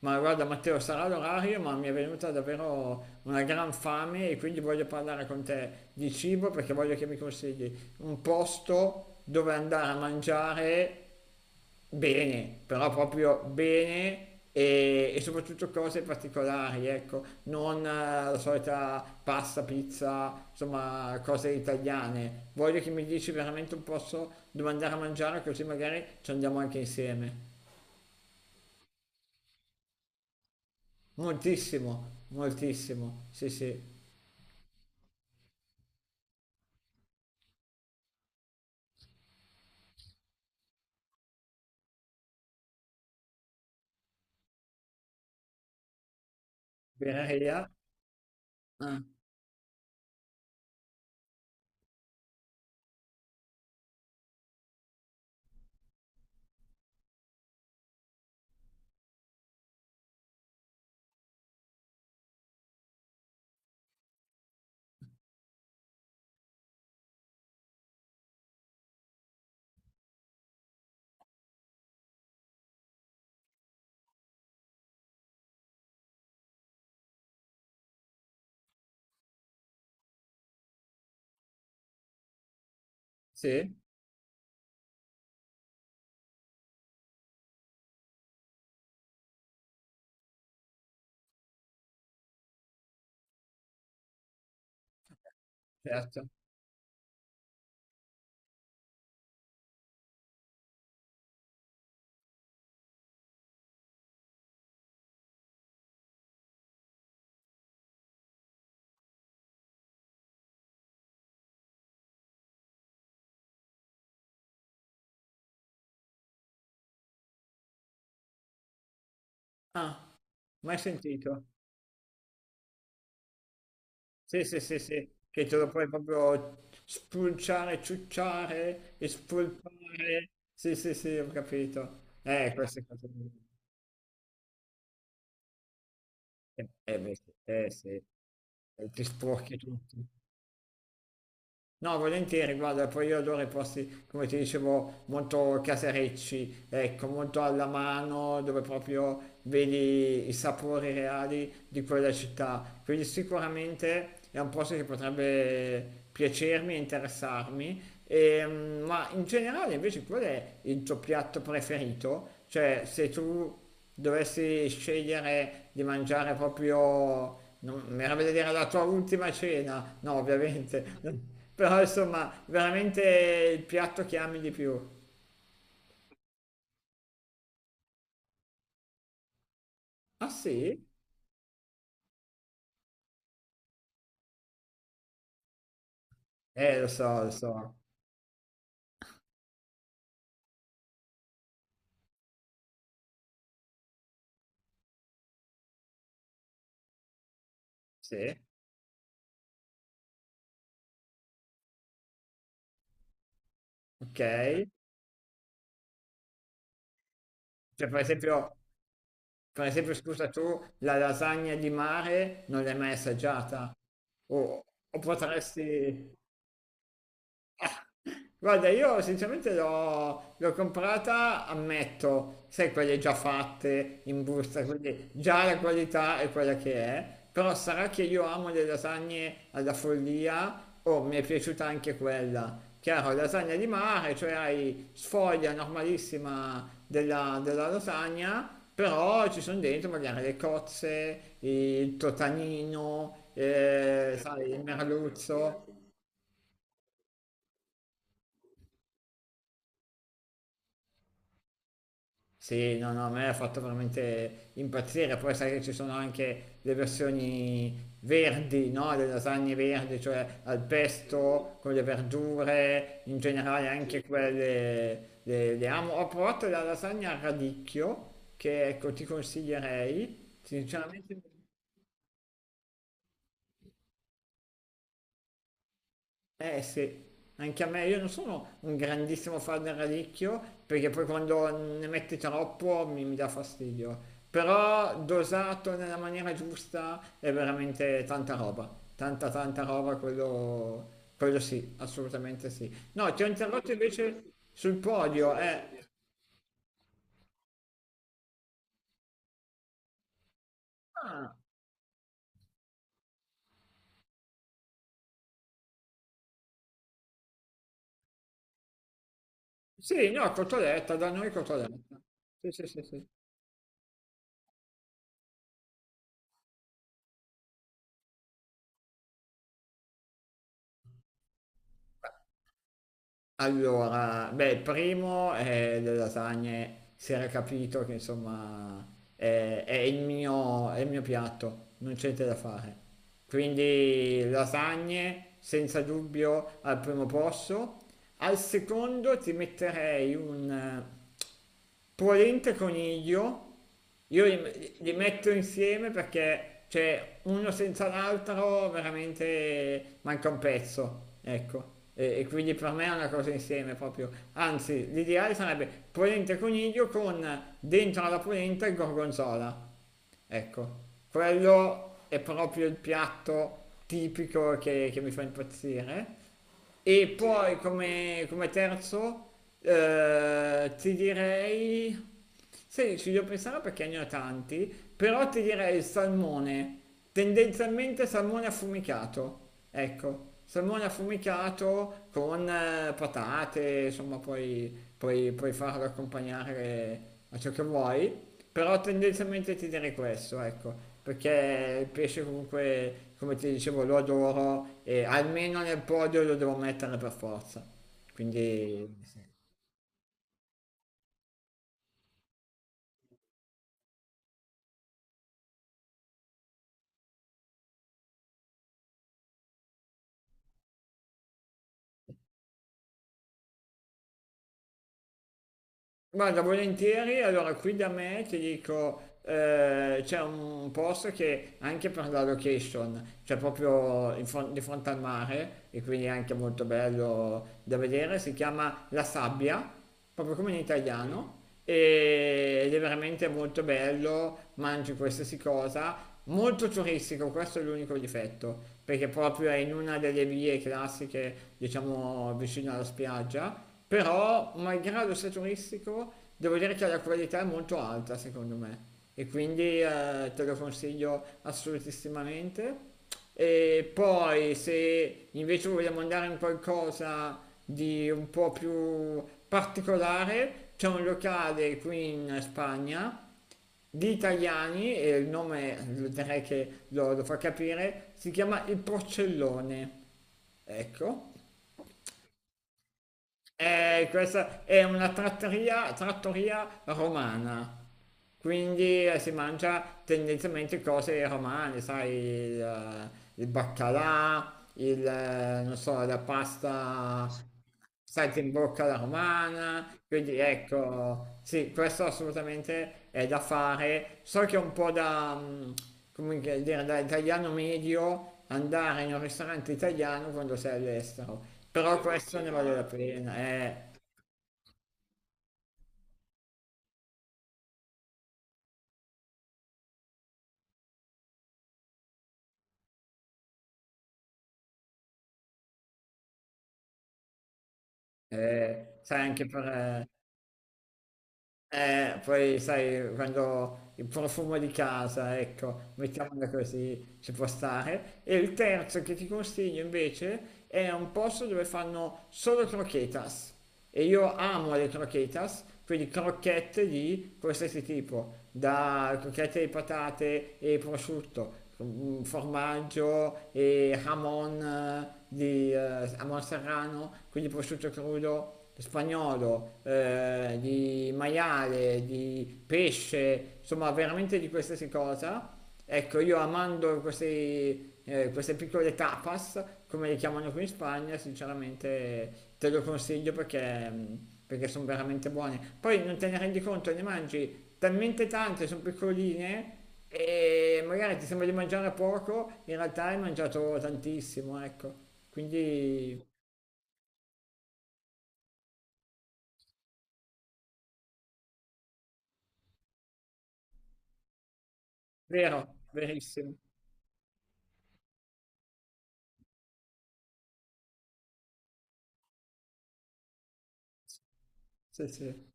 Ma guarda Matteo, sarà l'orario, ma mi è venuta davvero una gran fame e quindi voglio parlare con te di cibo perché voglio che mi consigli un posto dove andare a mangiare bene, però proprio bene e soprattutto cose particolari, ecco, non la solita pasta, pizza, insomma, cose italiane. Voglio che mi dici veramente un posto dove andare a mangiare così magari ci andiamo anche insieme. Moltissimo, moltissimo. Sì, sì. Birreria? Ah, sì, certo. Ah, mai sentito. Sì, sì, sì, sì. Che te lo puoi proprio spulciare, ciucciare, espolpare. Sì, sì, sì, ho capito. Queste cose. Beh, sì, sì. E ti sporchi tutto. No, volentieri, guarda, poi io adoro i posti, come ti dicevo, molto caserecci, ecco, molto alla mano, dove proprio vedi i sapori reali di quella città. Quindi sicuramente è un posto che potrebbe piacermi e interessarmi. Ma in generale invece qual è il tuo piatto preferito? Cioè se tu dovessi scegliere di mangiare proprio, non, mi verrebbe da dire la tua ultima cena, no ovviamente, però insomma veramente il piatto che ami di più. Ah sì? Lo so, sì, ok. Cioè per esempio scusa tu, la lasagna di mare non l'hai mai assaggiata? O, o potresti... Guarda, io sinceramente l'ho comprata, ammetto, sai, quelle già fatte in busta, quindi già la qualità è quella che è, però sarà che io amo le lasagne alla follia, o mi è piaciuta anche quella. Chiaro, lasagna di mare, cioè hai sfoglia normalissima della lasagna, però ci sono dentro magari le cozze, il totanino, sai, il merluzzo. Sì, no, no, a me ha fatto veramente impazzire. Poi sai che ci sono anche le versioni verdi, no? Le lasagne verdi, cioè al pesto, con le verdure, in generale anche quelle le amo. Ho provato la lasagna a radicchio, che ecco ti consiglierei. Sinceramente eh sì, anche a me, io non sono un grandissimo fan del radicchio, perché poi quando ne metti troppo mi dà fastidio. Però dosato nella maniera giusta è veramente tanta roba, tanta tanta roba, quello sì, assolutamente sì. No, ti ho interrotto invece sul podio, eh. Ah, sì, no, cotoletta, da noi cotoletta. Sì, sì, sì, sì. Allora, beh, il primo è le lasagne, si era capito che insomma è il mio, è il mio piatto, non c'è niente da fare, quindi lasagne senza dubbio al primo posto. Al secondo ti metterei un polente coniglio. Io li metto insieme perché cioè, uno senza l'altro veramente manca un pezzo, ecco. E quindi per me è una cosa insieme proprio. Anzi, l'ideale sarebbe polente coniglio con dentro alla polenta il gorgonzola. Ecco, quello è proprio il piatto tipico che mi fa impazzire. E sì. Poi come, come terzo ti direi... Sì, ci devo pensare perché ne ho tanti, però ti direi il salmone, tendenzialmente salmone affumicato. Ecco, salmone affumicato con patate, insomma, poi puoi farlo accompagnare a ciò che vuoi, però tendenzialmente ti direi questo, ecco, perché il pesce comunque, come ti dicevo, lo adoro e almeno nel podio lo devo mettere per forza. Quindi sì. Guarda, volentieri, allora qui da me ti dico, c'è un posto che anche per la location, cioè proprio in di fronte al mare, e quindi è anche molto bello da vedere, si chiama La Sabbia, proprio come in italiano, ed è veramente molto bello, mangi qualsiasi cosa, molto turistico, questo è l'unico difetto, perché proprio è in una delle vie classiche, diciamo, vicino alla spiaggia, però malgrado sia turistico, devo dire che la qualità è molto alta secondo me e quindi te lo consiglio assolutissimamente. E poi se invece vogliamo andare in qualcosa di un po' più particolare, c'è un locale qui in Spagna di italiani, e il nome direi che lo fa capire, si chiama Il Porcellone. Ecco, questa è una trattoria, trattoria romana, quindi si mangia tendenzialmente cose romane, sai, il baccalà, non so, la pasta salti in bocca alla romana, quindi ecco, sì, questo assolutamente è da fare. So che è un po' da, come che dire, da italiano medio andare in un ristorante italiano quando sei all'estero, però devo questo ne vale la immaginare. Pena, sai, anche per... poi sai, quando il profumo di casa, ecco, mettiamola così, ci può stare. E il terzo che ti consiglio invece è un posto dove fanno solo croquetas. E io amo le croquetas, quindi crocchette di qualsiasi tipo, da crocchette di patate e prosciutto, formaggio e hamon di hamon serrano, quindi prosciutto crudo spagnolo, di maiale, di pesce, insomma veramente di qualsiasi cosa. Ecco, io amando questi, queste piccole tapas, come le chiamano qui in Spagna, sinceramente te lo consiglio perché, perché sono veramente buone. Poi non te ne rendi conto, ne mangi talmente tante, sono piccoline e magari ti sembra di mangiare poco, in realtà hai mangiato tantissimo, ecco. Quindi, vero, verissimo. Sì, sì.